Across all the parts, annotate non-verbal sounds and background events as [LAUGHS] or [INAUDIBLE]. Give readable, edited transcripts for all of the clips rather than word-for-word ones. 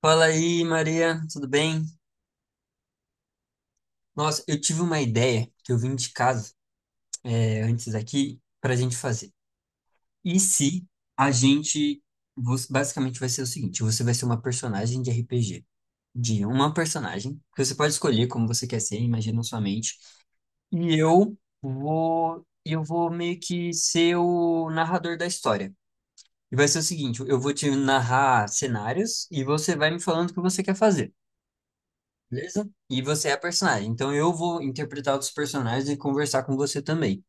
Fala aí, Maria, tudo bem? Nossa, eu tive uma ideia que eu vim de casa antes aqui para a gente fazer. E se a gente. Você- Basicamente vai ser o seguinte: você vai ser uma personagem de RPG, de uma personagem, que você pode escolher como você quer ser, imagina na sua mente. E eu vou. Eu vou meio que ser o narrador da história. E vai ser o seguinte: eu vou te narrar cenários e você vai me falando o que você quer fazer. Beleza? E você é a personagem. Então eu vou interpretar outros personagens e conversar com você também.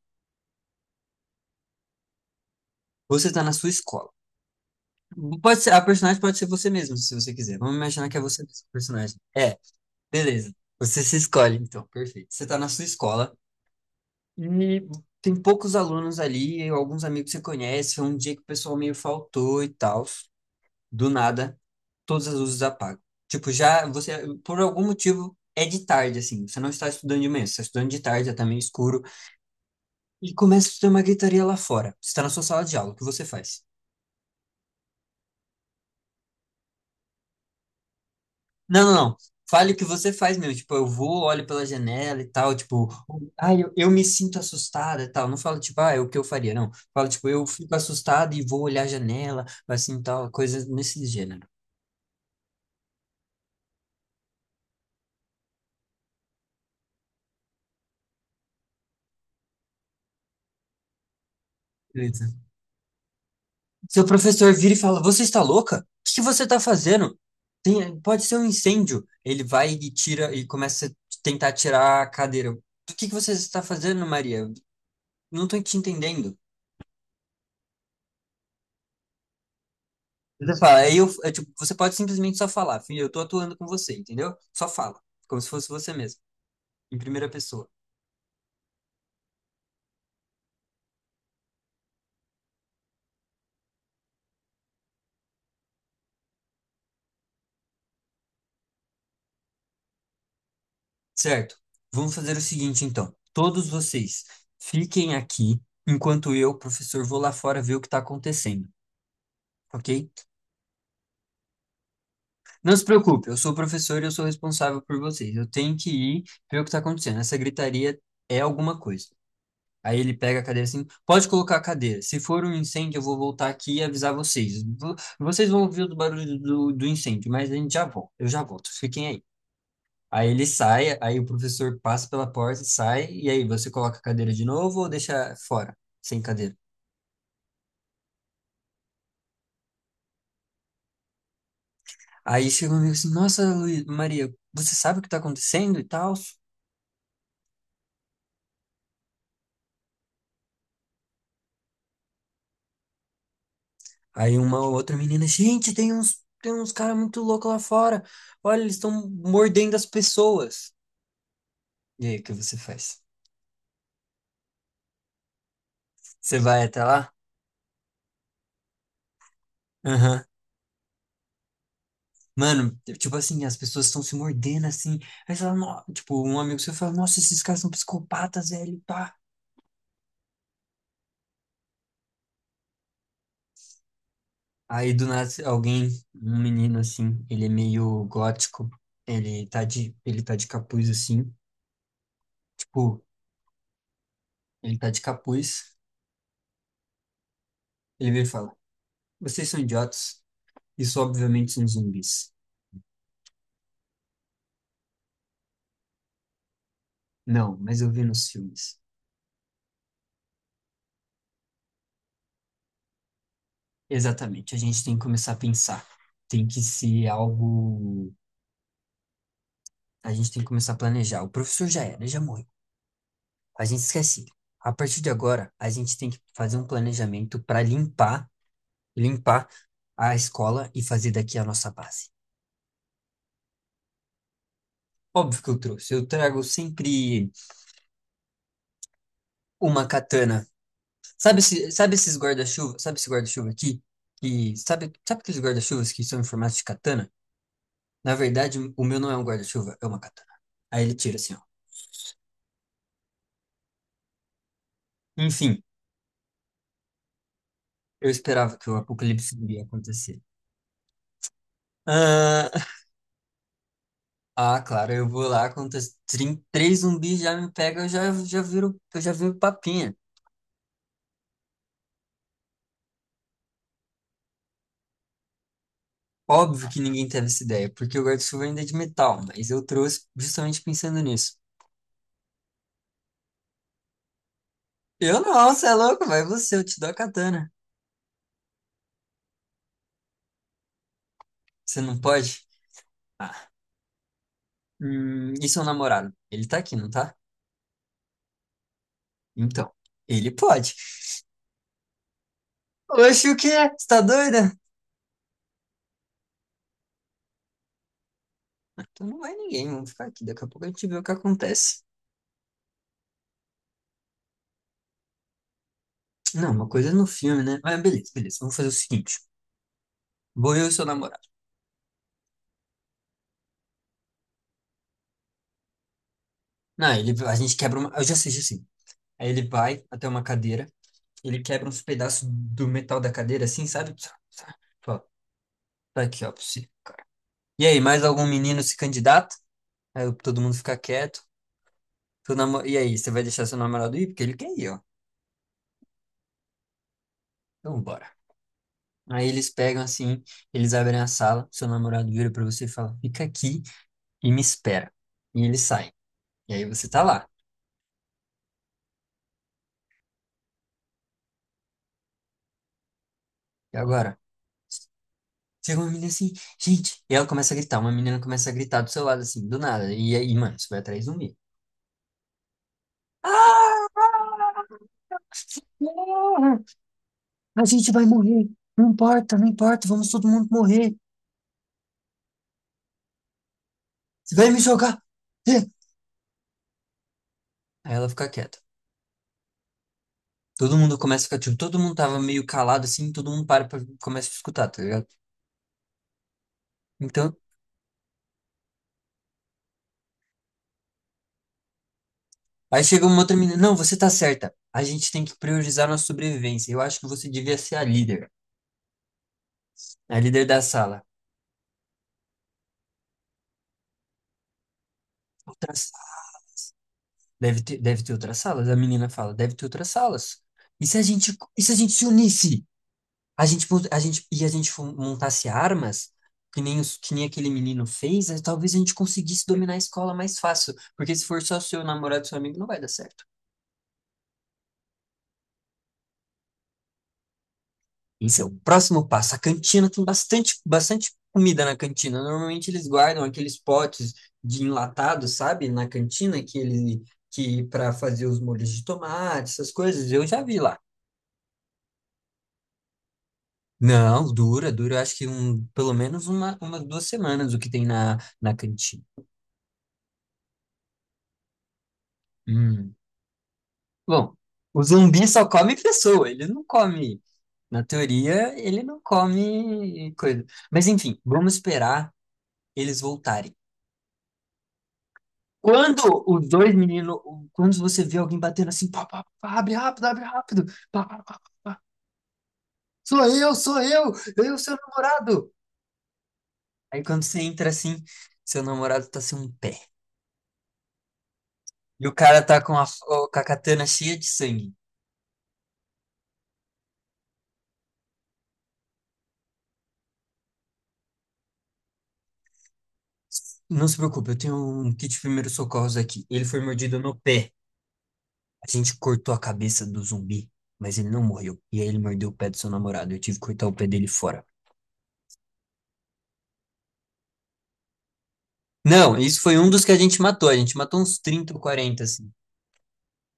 Você está na sua escola. Pode ser, a personagem pode ser você mesmo, se você quiser. Vamos imaginar que é você mesmo, o personagem. É, beleza. Você se escolhe, então. Perfeito. Você está na sua escola e tem poucos alunos ali, alguns amigos que você conhece. Foi um dia que o pessoal meio faltou e tal. Do nada, todas as luzes apagam. Tipo, por algum motivo, é de tarde, assim. Você não está estudando de manhã, você está estudando de tarde, já tá meio escuro. E começa a ter uma gritaria lá fora. Você está na sua sala de aula, o que você faz? Não, não, não. Fale o que você faz mesmo. Tipo, eu vou, olho pela janela e tal. Tipo, eu me sinto assustada e tal. Não fala, tipo, ah, é o que eu faria, não. Fala, tipo, eu fico assustada e vou olhar a janela, assim, tal, coisas nesse gênero. Beleza. Seu professor vira e fala, você está louca? O que você está fazendo? Tem, pode ser um incêndio. Ele vai e tira e começa a tentar tirar a cadeira. O que que você está fazendo, Maria? Não estou te entendendo. Você fala, tipo, você pode simplesmente só falar, filho, eu tô atuando com você, entendeu? Só fala, como se fosse você mesmo, em primeira pessoa. Certo? Vamos fazer o seguinte, então. Todos vocês fiquem aqui, enquanto eu, professor, vou lá fora ver o que tá acontecendo, ok? Não se preocupe, eu sou o professor e eu sou responsável por vocês. Eu tenho que ir ver o que tá acontecendo. Essa gritaria é alguma coisa. Aí ele pega a cadeira assim, pode colocar a cadeira. Se for um incêndio, eu vou voltar aqui e avisar vocês. Vocês vão ouvir o barulho do incêndio, mas a gente já volta. Eu já volto, fiquem aí. Aí ele sai, aí o professor passa pela porta, sai, e aí você coloca a cadeira de novo ou deixa fora, sem cadeira? Aí chega um amigo assim, nossa, Maria, você sabe o que tá acontecendo e tal? Aí uma outra menina, gente, tem uns caras muito loucos lá fora. Olha, eles estão mordendo as pessoas. E aí, o que você faz? Você vai até lá? Aham. Mano, tipo assim, as pessoas estão se mordendo assim. Aí você fala, "Nó-" tipo, um amigo seu fala, nossa, esses caras são psicopatas, velho, pá. Aí do nada alguém, um menino assim, ele é meio gótico, ele tá de capuz assim, tipo, ele tá de capuz, ele vem e fala, vocês são idiotas, isso obviamente são zumbis. Não, mas eu vi nos filmes. Exatamente, a gente tem que começar a pensar, tem que ser algo, a gente tem que começar a planejar. O professor já era, já morreu. A gente esquece. A partir de agora, a gente tem que fazer um planejamento para limpar, limpar a escola e fazer daqui a nossa base. Óbvio que eu trouxe. Eu trago sempre uma katana. Sabe, sabe esses guarda-chuva? Sabe esse guarda-chuva aqui? E sabe aqueles guarda-chuvas que são em formato de katana? Na verdade, o meu não é um guarda-chuva, é uma katana. Aí ele tira assim, ó. Enfim, eu esperava que o apocalipse iria acontecer. Ah, ah, claro, eu vou lá, quando os três zumbis já me pegam, eu já viro papinha. Óbvio que ninguém teve essa ideia, porque o guarda-chuva ainda é de metal, mas eu trouxe justamente pensando nisso. Eu não, você é louco, vai você, eu te dou a katana. Você não pode? Ah, e seu namorado? Ele tá aqui, não tá? Então, ele pode. Oxe, o quê? Você tá doida? Então não vai ninguém, vamos ficar aqui, daqui a pouco a gente vê o que acontece. Não, uma coisa é no filme, né? Mas beleza, beleza, vamos fazer o seguinte. Vou eu e seu namorado. Não, ele, a gente quebra uma. Eu já assisti assim. Aí ele vai até uma cadeira, ele quebra uns pedaços do metal da cadeira, assim, sabe? Tsa, tsa. Fala, tá aqui, ó, pra você. E aí, mais algum menino se candidata? Aí todo mundo fica quieto. E aí, você vai deixar seu namorado ir? Porque ele quer ir, ó. Então, bora. Aí eles pegam assim, eles abrem a sala, seu namorado vira pra você e fala: fica aqui e me espera. E ele sai. E aí você tá lá. E agora? Chega uma menina assim, gente, e ela começa a gritar, uma menina começa a gritar do seu lado, assim, do nada, e aí, mano, você vai atrás de zumbi. Ah! Ah! A gente vai morrer, não importa, não importa, vamos todo mundo morrer, você vai me jogar. É. Aí ela fica quieta. Todo mundo começa a ficar, tipo, todo mundo tava meio calado, assim, todo mundo para pra, começa a escutar, tá ligado? Então, aí chega uma outra menina, não, você tá certa, a gente tem que priorizar nossa sobrevivência, eu acho que você devia ser a líder da sala. Outra, deve ter outras salas. A menina fala, deve ter outras salas. E se a gente se unisse? A gente, montasse armas, que nem aquele menino fez, talvez a gente conseguisse dominar a escola mais fácil. Porque se for só seu namorado, seu amigo, não vai dar certo. Esse é o próximo passo. A cantina tem bastante, bastante comida na cantina. Normalmente eles guardam aqueles potes de enlatado, sabe? Na cantina, que ele, que para fazer os molhos de tomate, essas coisas. Eu já vi lá. Não, dura, dura, eu acho que pelo menos uma 2 semanas o que tem na cantina. Hum. Bom, o zumbi só come pessoa, ele não come. Na teoria, ele não come coisa. Mas enfim, vamos esperar eles voltarem. Quando os dois meninos, quando você vê alguém batendo assim, pá, pá, pá, abre rápido, pá, pá, pá, pá, sou eu, seu namorado. Aí quando você entra assim, seu namorado tá sem um pé. E o cara tá com a katana cheia de sangue. Não se preocupe, eu tenho um kit de primeiros socorros aqui. Ele foi mordido no pé. A gente cortou a cabeça do zumbi, mas ele não morreu. E aí ele mordeu o pé do seu namorado. Eu tive que cortar o pé dele fora. Não, isso foi um dos que a gente matou. A gente matou uns 30, ou 40, assim.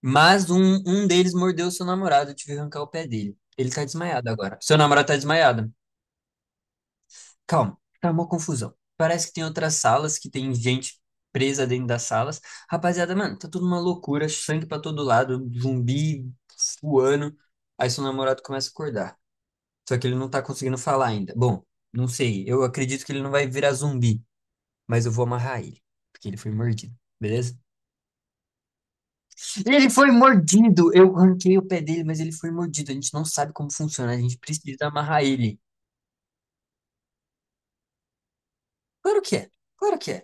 Mas um deles mordeu o seu namorado. Eu tive que arrancar o pé dele. Ele tá desmaiado agora. Seu namorado tá desmaiado. Calma, tá uma confusão. Parece que tem outras salas que tem gente presa dentro das salas. Rapaziada, mano, tá tudo uma loucura, sangue pra todo lado, zumbi voando. Aí seu namorado começa a acordar. Só que ele não tá conseguindo falar ainda. Bom, não sei, eu acredito que ele não vai virar zumbi, mas eu vou amarrar ele, porque ele foi mordido, beleza? Ele foi mordido! Eu arranquei o pé dele, mas ele foi mordido. A gente não sabe como funciona, a gente precisa amarrar ele. Claro que é, claro que é.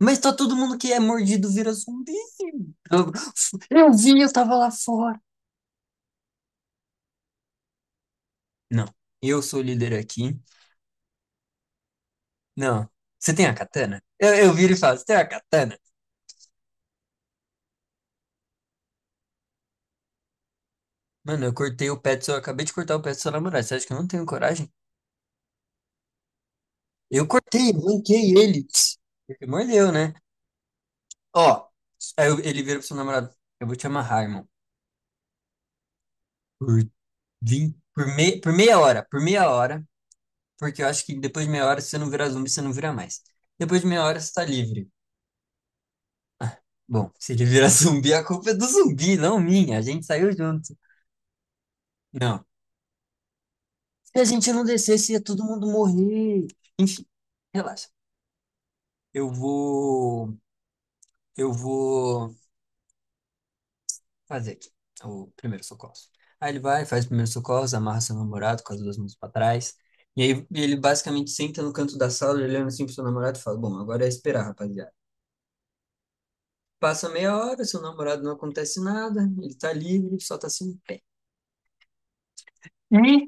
Mas tá todo mundo que é mordido vira zumbi. Eu, eu vi, eu tava lá fora. Não, eu sou o líder aqui. Não, você tem a katana? Eu viro e falo, você tem a katana? Mano, eu acabei de cortar o pé do seu namorado. Você acha que eu não tenho coragem? Eu cortei, arranquei ele. Porque mordeu, né? Ó, ele vira pro seu namorado, eu vou te amarrar, irmão. Por, por meia hora, por meia hora. Porque eu acho que depois de meia hora, se você não virar zumbi, você não vira mais. Depois de meia hora, você tá livre. Bom, se ele virar [LAUGHS] zumbi, a culpa é do zumbi, não minha. A gente saiu junto. Não. Se a gente não descesse, ia todo mundo morrer. Enfim, relaxa. Eu vou. Eu vou fazer aqui o primeiro socorro. Aí ele vai, faz o primeiro socorro, amarra seu namorado com as duas mãos pra trás. E aí ele basicamente senta no canto da sala, olhando assim pro seu namorado e fala: Bom, agora é esperar, rapaziada. Passa meia hora, seu namorado não acontece nada, ele tá livre, só tá sem pé. E?